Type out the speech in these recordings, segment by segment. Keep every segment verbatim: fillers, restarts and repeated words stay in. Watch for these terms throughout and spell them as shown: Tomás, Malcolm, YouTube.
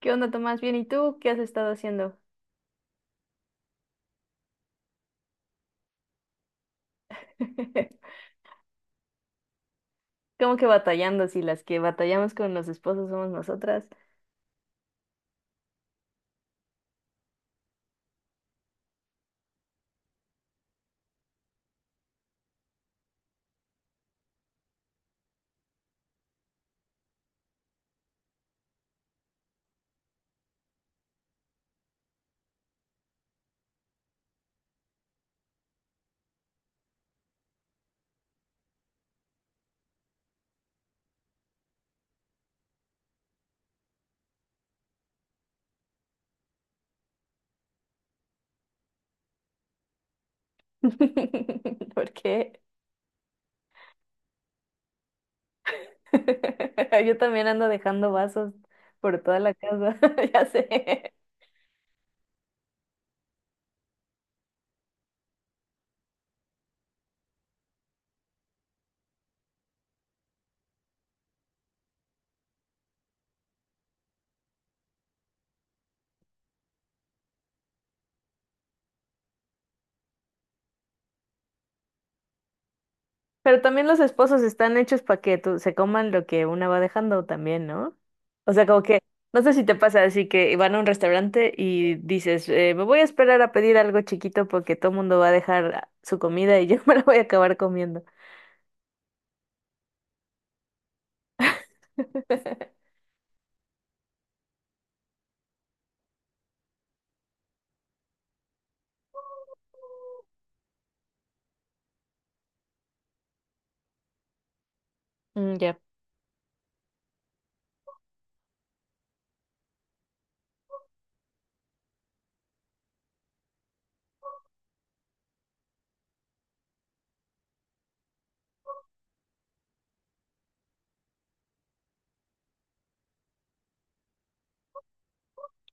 ¿Qué onda, Tomás? Bien, ¿y tú qué has estado haciendo? ¿Cómo que batallando si las que batallamos con los esposos somos nosotras? ¿Por qué? Yo también ando dejando vasos por toda la casa, ya sé. Pero también los esposos están hechos para que tú- se coman lo que una va dejando también, ¿no? O sea, como que no sé si te pasa así que van a un restaurante y dices, eh, me voy a esperar a pedir algo chiquito porque todo el mundo va a dejar su comida y yo me la voy a acabar comiendo. Mm, ya.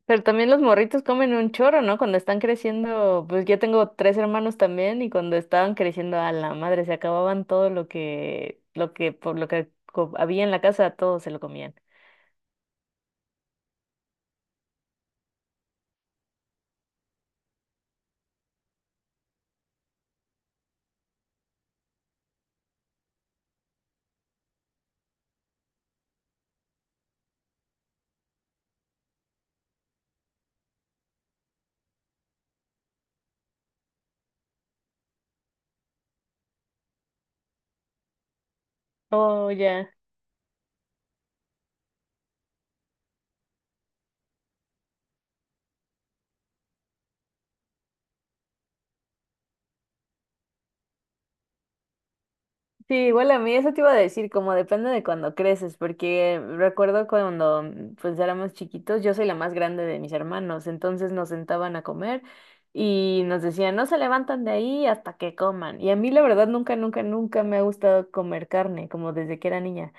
Pero también los morritos comen un chorro, ¿no? Cuando están creciendo, pues yo tengo tres hermanos también y cuando estaban creciendo a la madre se acababan todo lo que, lo que, por lo que co- había en la casa, todo se lo comían. Oh, ya. Sí, igual a mí eso te iba a decir, como depende de cuando creces, porque recuerdo cuando mm, pues éramos chiquitos, yo soy la más grande de mis hermanos, entonces nos sentaban a comer y nos decían, no se levantan de ahí hasta que coman. Y a mí la verdad nunca, nunca, nunca me ha gustado comer carne, como desde que era niña.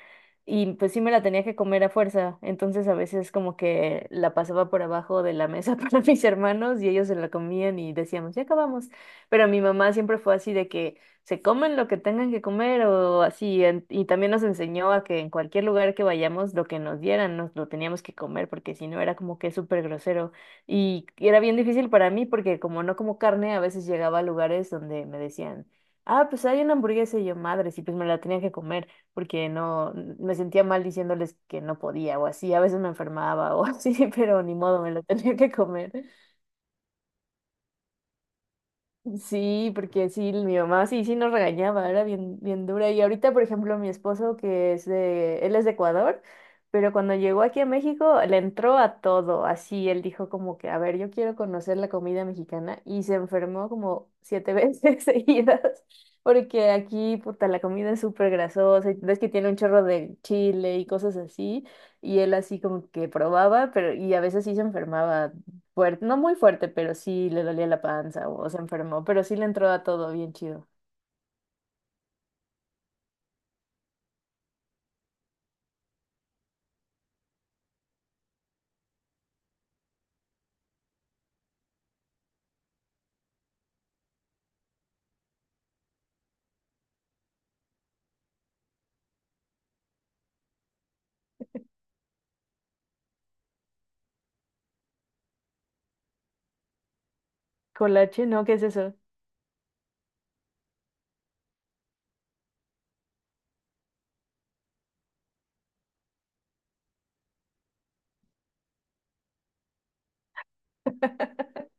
Y pues sí me la tenía que comer a fuerza, entonces a veces como que la pasaba por abajo de la mesa para mis hermanos y ellos se la comían y decíamos, ya acabamos. Pero mi mamá siempre fue así de que se comen lo que tengan que comer o así. en- Y también nos enseñó a que en cualquier lugar que vayamos, lo que nos dieran, nos lo teníamos que comer, porque si no era como que súper grosero. Y era bien difícil para mí, porque como no como carne, a veces llegaba a lugares donde me decían, ah, pues hay una hamburguesa y yo, madres, y pues me la tenía que comer, porque no, me sentía mal diciéndoles que no podía o así. A veces me enfermaba o así, pero ni modo, me lo tenía que comer. Sí, porque sí, mi mamá sí, sí nos regañaba, era bien, bien dura. Y ahorita, por ejemplo, mi esposo, que es de, él es de Ecuador, pero cuando llegó aquí a México, le entró a todo, así, él dijo como que, a ver, yo quiero conocer la comida mexicana, y se enfermó como siete veces seguidas, porque aquí, puta, la comida es súper grasosa, y ves que tiene un chorro de chile y cosas así, y él así como que probaba, pero, y a veces sí se enfermaba fuerte, no muy fuerte, pero sí le dolía la panza o se enfermó, pero sí le entró a todo bien chido. Colache, ¿no? ¿Qué es eso?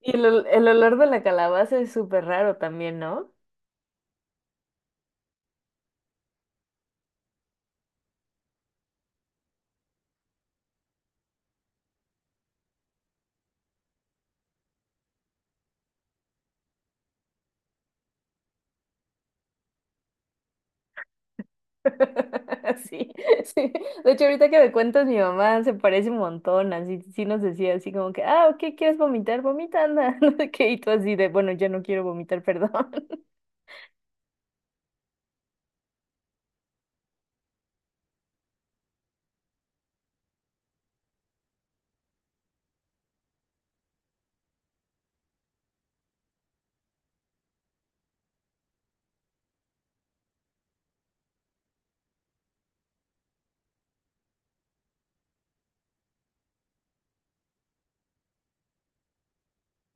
Y el, ol- el olor de la calabaza es súper raro también, ¿no? Sí, sí. De hecho, ahorita que me cuentas, mi mamá se parece un montón, así, sí nos decía así como que, ah, ok, ¿quieres vomitar? Vomita, anda, no sé qué, y tú así de, bueno, ya no quiero vomitar, perdón.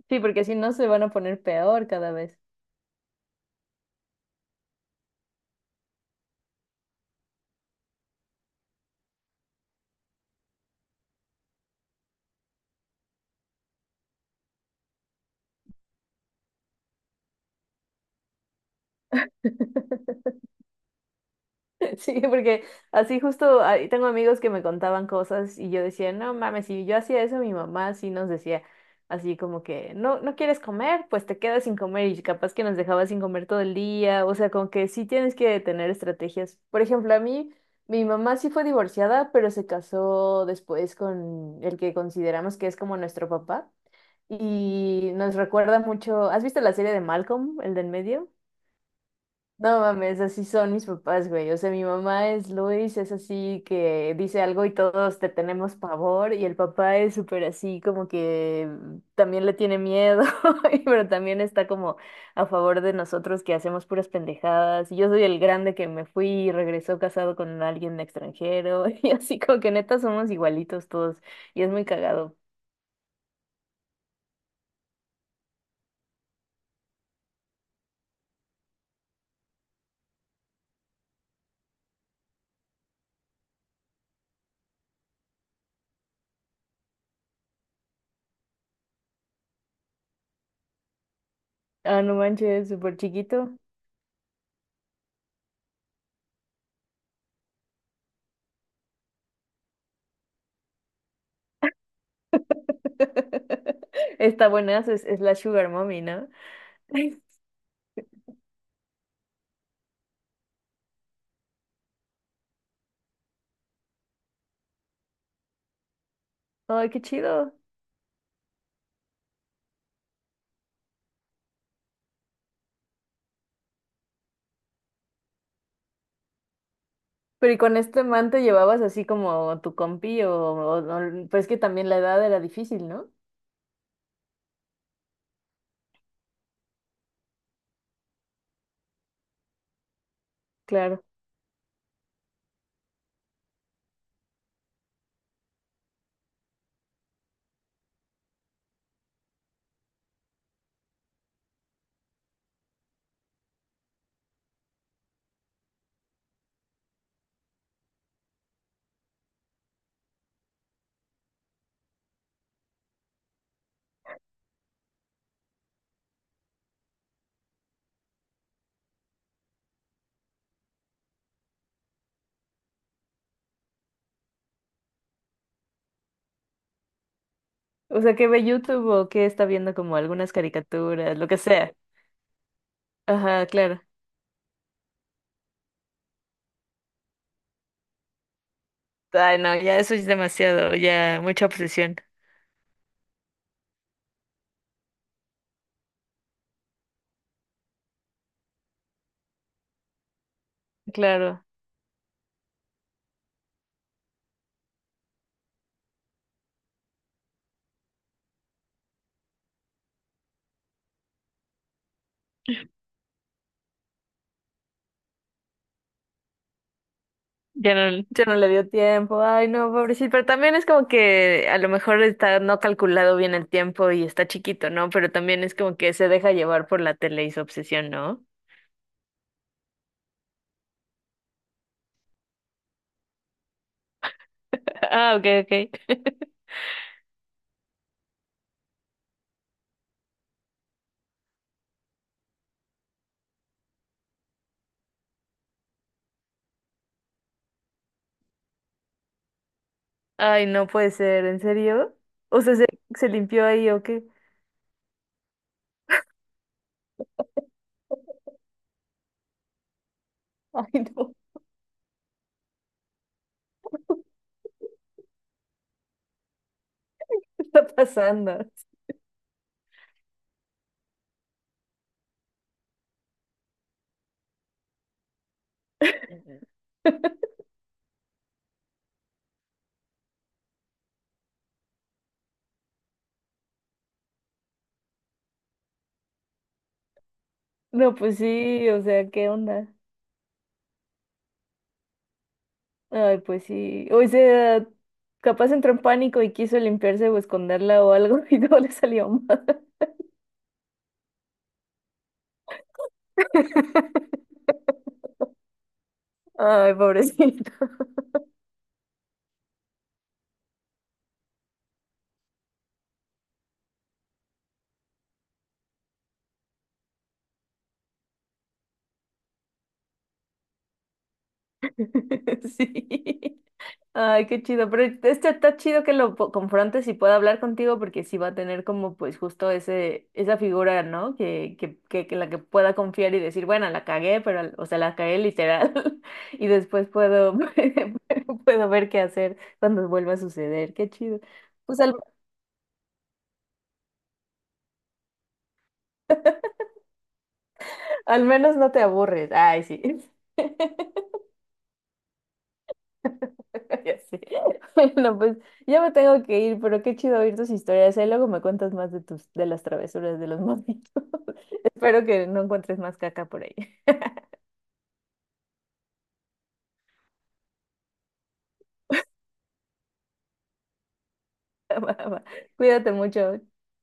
Sí, porque si no se van a poner peor cada vez. Sí, porque así justo ahí tengo amigos que me contaban cosas y yo decía, no mames, si yo hacía eso, mi mamá sí nos decía así como que, no, no quieres comer, pues te quedas sin comer y capaz que nos dejaba sin comer todo el día, o sea, como que sí tienes que tener estrategias. Por ejemplo, a mí, mi mamá sí fue divorciada, pero se casó después con el que consideramos que es como nuestro papá y nos recuerda mucho, ¿has visto la serie de Malcolm, el del medio? No mames, así son mis papás, güey. O sea, mi mamá es Luis, es así que dice algo y todos te tenemos pavor. Y el papá es súper así, como que también le tiene miedo, y- pero también está como a favor de nosotros que hacemos puras pendejadas. Y yo soy el grande que me fui y regresó casado con alguien extranjero. Y así como que neta somos igualitos todos. Y es muy cagado. Ah, no manches, súper chiquito. Está buenazo, es, es la Sugar Mommy, ¿no? Ay, qué chido. Pero ¿y con este man te llevabas así como tu compi o, o no? Pues es que también la edad era difícil, ¿no? Claro. O sea, que ve YouTube o que está viendo como algunas caricaturas, lo que sea. Ajá, claro. Ay, no, ya eso es demasiado, ya mucha obsesión. Claro. Ya no, ya no le dio tiempo. Ay, no, pobrecito. Pero también es como que a lo mejor está no calculado bien el tiempo y está chiquito, ¿no? Pero también es como que se deja llevar por la tele y su obsesión, ¿no? Ah, ok, ok. Ay, no puede ser, ¿en serio? O sea, ¿se, ¿se limpió ahí o qué? Ay, no, ¿qué está pasando? No, pues sí, o sea, ¿qué onda? Ay, pues sí. O sea, capaz entró en pánico y quiso limpiarse o esconderla o algo y no le salió mal. Ay, pobrecito. Sí. Ay, qué chido, pero este está chido que lo po- confrontes y pueda hablar contigo porque sí va a tener como pues justo ese, esa figura, ¿no? Que, que, que, que la que pueda confiar y decir, bueno, la cagué, pero, al- o sea, la cagué literal y después puedo, puedo ver qué hacer cuando vuelva a suceder, qué chido. Pues al, al menos no te aburres, ay, sí. Ya sé. Bueno, pues ya me tengo que ir, pero qué chido oír tus historias. Ahí luego me cuentas más de tus, de las travesuras de los monitos. Espero que no encuentres más caca por ahí. Va, va. Cuídate mucho.